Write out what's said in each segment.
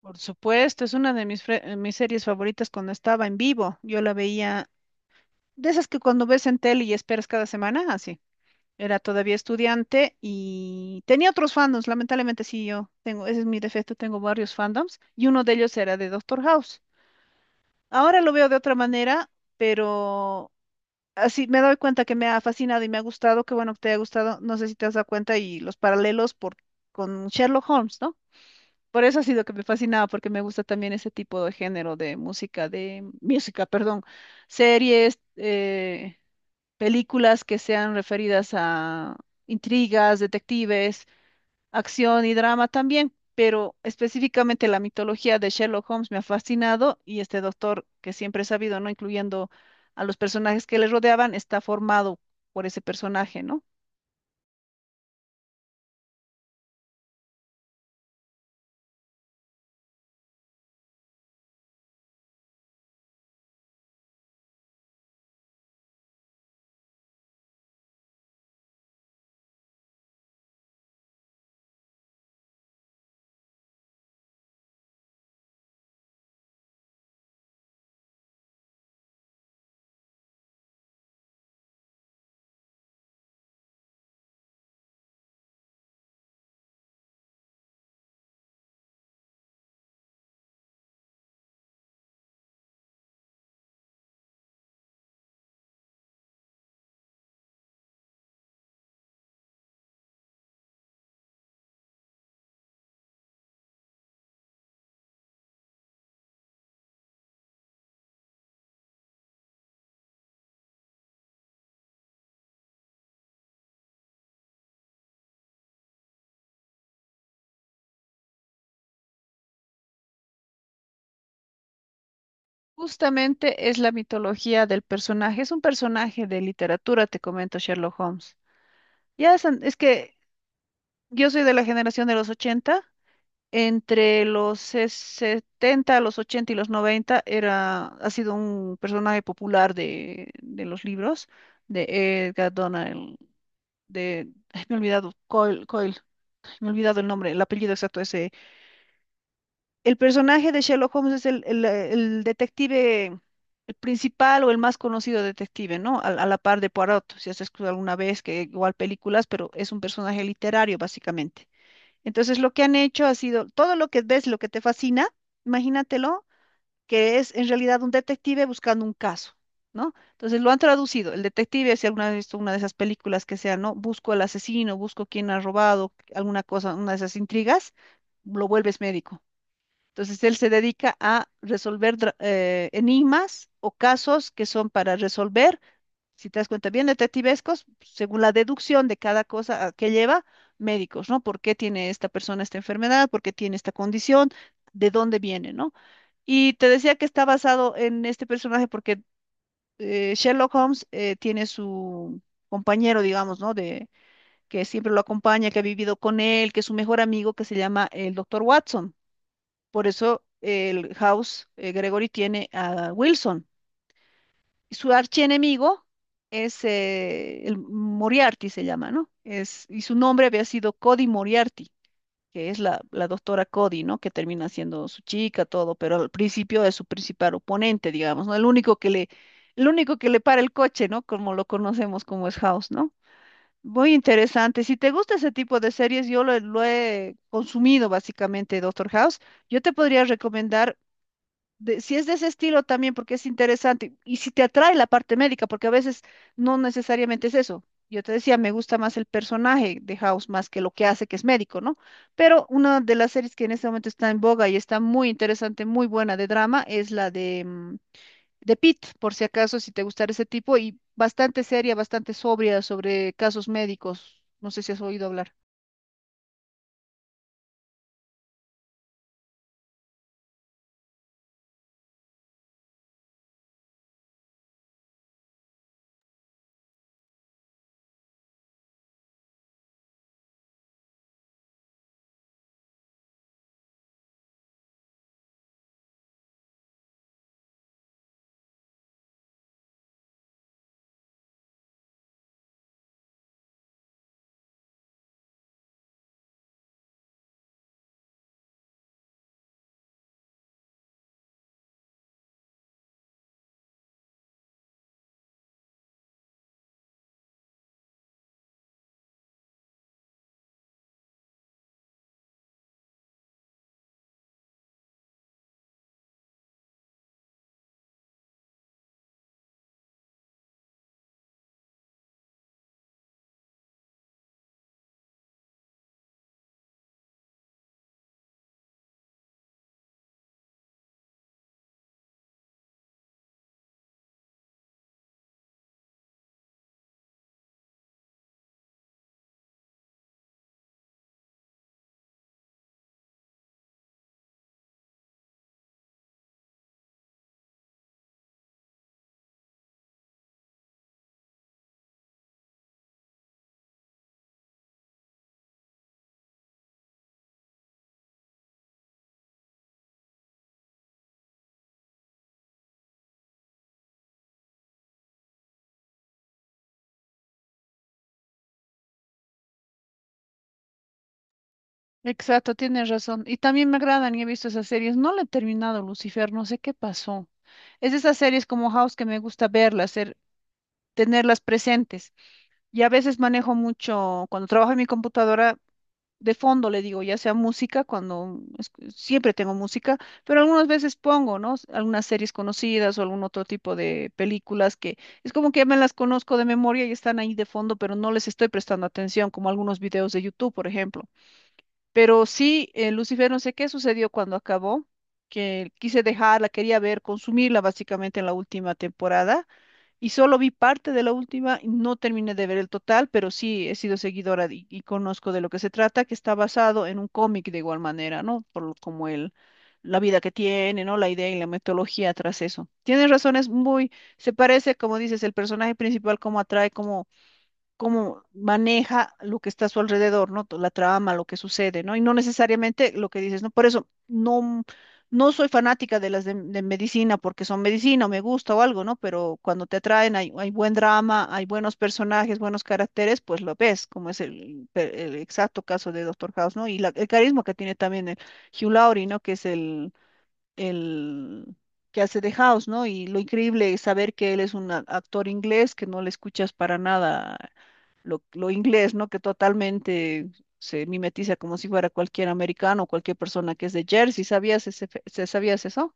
Por supuesto, es una de mis series favoritas cuando estaba en vivo. Yo la veía, de esas que cuando ves en tele y esperas cada semana, así. Era todavía estudiante y tenía otros fandoms, lamentablemente sí, yo tengo, ese es mi defecto, tengo varios fandoms y uno de ellos era de Doctor House. Ahora lo veo de otra manera, pero así me doy cuenta que me ha fascinado y me ha gustado, que bueno que te haya gustado, no sé si te has dado cuenta y los paralelos por, con Sherlock Holmes, ¿no? Por eso ha sido que me fascinaba, porque me gusta también ese tipo de género de música, perdón, series, películas que sean referidas a intrigas, detectives, acción y drama también, pero específicamente la mitología de Sherlock Holmes me ha fascinado y este doctor que siempre he sabido, ¿no? Incluyendo a los personajes que le rodeaban, está formado por ese personaje, ¿no? Justamente es la mitología del personaje, es un personaje de literatura, te comento, Sherlock Holmes. Es que yo soy de la generación de los 80 entre 70, los 80 y los 90 era, ha sido un personaje popular de los libros de Edgar Donald, de, ay, me he olvidado, Coyle, Coyle, ay, me he olvidado el nombre, el apellido exacto ese. El personaje de Sherlock Holmes es el detective, el principal o el más conocido detective, ¿no? A la par de Poirot, si has escuchado alguna vez, que igual películas, pero es un personaje literario básicamente. Entonces, lo que han hecho ha sido todo lo que ves, lo que te fascina, imagínatelo, que es en realidad un detective buscando un caso, ¿no? Entonces, lo han traducido. El detective, si alguna vez has visto una de esas películas que sea, ¿no? Busco al asesino, busco quién ha robado alguna cosa, una de esas intrigas, lo vuelves médico. Entonces, él se dedica a resolver enigmas o casos que son para resolver si te das cuenta, bien detectivescos, según la deducción de cada cosa a que lleva, médicos, ¿no? ¿Por qué tiene esta persona esta enfermedad? ¿Por qué tiene esta condición? ¿De dónde viene, no? Y te decía que está basado en este personaje porque Sherlock Holmes tiene su compañero, digamos, ¿no? De, que siempre lo acompaña, que ha vivido con él, que es su mejor amigo, que se llama el doctor Watson. Por eso el House Gregory tiene a Wilson, su archienemigo es el Moriarty, se llama, ¿no? Es, y su nombre había sido Cody Moriarty, que es la doctora Cody, ¿no? Que termina siendo su chica, todo, pero al principio es su principal oponente, digamos, ¿no? El único que le para el coche, ¿no? Como lo conocemos como es House, ¿no? Muy interesante. Si te gusta ese tipo de series, yo lo he consumido básicamente, Doctor House. Yo te podría recomendar si es de ese estilo también, porque es interesante, y si te atrae la parte médica, porque a veces no necesariamente es eso. Yo te decía, me gusta más el personaje de House más que lo que hace, que es médico, ¿no? Pero una de las series que en este momento está en boga y está muy interesante, muy buena de drama, es la de Pitt, por si acaso, si te gustara ese tipo, y bastante seria, bastante sobria sobre casos médicos. No sé si has oído hablar. Exacto, tienes razón. Y también me agradan y he visto esas series. No la he terminado, Lucifer, no sé qué pasó. Es de esas series como House que me gusta verlas, tenerlas presentes. Y a veces manejo mucho, cuando trabajo en mi computadora, de fondo le digo, ya sea música, siempre tengo música, pero algunas veces pongo, ¿no? Algunas series conocidas o algún otro tipo de películas que es como que ya me las conozco de memoria y están ahí de fondo, pero no les estoy prestando atención, como algunos videos de YouTube, por ejemplo. Pero sí, Lucifer, no sé qué sucedió cuando acabó, que quise dejarla, quería ver, consumirla básicamente en la última temporada y solo vi parte de la última, y no terminé de ver el total, pero sí he sido seguidora y conozco de lo que se trata, que está basado en un cómic de igual manera, ¿no? Como el, la vida que tiene, ¿no? La idea y la metodología tras eso. Tienes razones muy, se parece, como dices, el personaje principal, cómo atrae, cómo maneja lo que está a su alrededor, ¿no? La trama, lo que sucede, ¿no? Y no necesariamente lo que dices, ¿no? Por eso no, no soy fanática de las de medicina porque son medicina o me gusta o algo, ¿no? Pero cuando te atraen hay, hay buen drama, hay buenos personajes, buenos caracteres, pues lo ves, como es el, el exacto caso de Doctor House, ¿no? Y el carisma que tiene también el Hugh Laurie, ¿no? Que es el que hace de House, ¿no? Y lo increíble es saber que él es un actor inglés que no le escuchas para nada lo inglés, ¿no? Que totalmente se mimetiza como si fuera cualquier americano, cualquier persona que es de Jersey. ¿Sabías ese, sabías eso?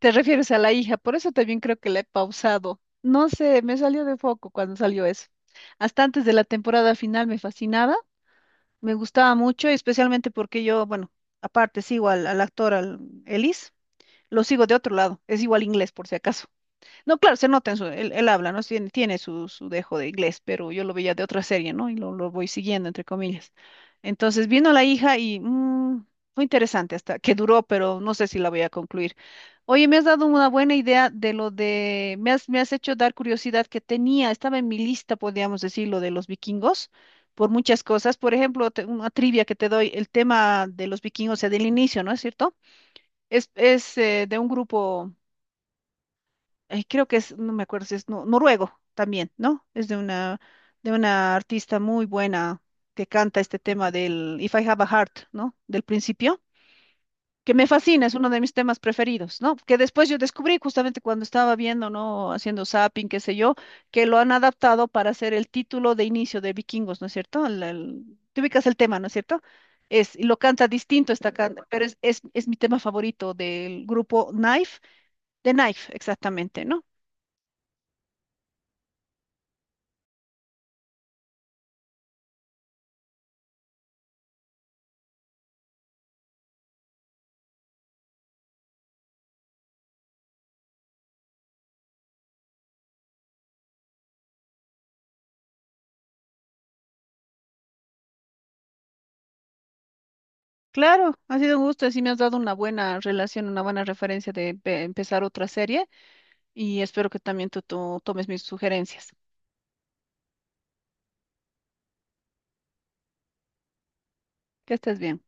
Te refieres a la hija, por eso también creo que la he pausado. No sé, me salió de foco cuando salió eso. Hasta antes de la temporada final me fascinaba, me gustaba mucho, especialmente porque yo, bueno, aparte sigo al actor, al Ellis, lo sigo de otro lado, es igual inglés por si acaso. No, claro, se nota en su, él habla, ¿no? Tiene, tiene su, su dejo de inglés, pero yo lo veía de otra serie, ¿no? Y lo voy siguiendo, entre comillas. Entonces vino la hija y fue interesante hasta que duró, pero no sé si la voy a concluir. Oye, me has dado una buena idea de lo de, me has hecho dar curiosidad que tenía, estaba en mi lista, podríamos decir, lo de los vikingos, por muchas cosas. Por ejemplo, una trivia que te doy, el tema de los vikingos, o sea, del inicio, ¿no es cierto? Es de un grupo ay, creo que es, no me acuerdo si es noruego también, ¿no? Es de una artista muy buena que canta este tema del If I Have a Heart, ¿no? Del principio, que me fascina, es uno de mis temas preferidos, ¿no? Que después yo descubrí justamente cuando estaba viendo, ¿no? Haciendo zapping, qué sé yo, que lo han adaptado para hacer el título de inicio de Vikingos, ¿no es cierto? Te ubicas el tema, ¿no es cierto? Es, y lo canta distinto esta canta, pero es mi tema favorito del grupo Knife, de Knife, exactamente, ¿no? Claro, ha sido un gusto, así me has dado una buena relación, una buena referencia de empezar otra serie y espero que también tú tomes mis sugerencias. Que estés bien.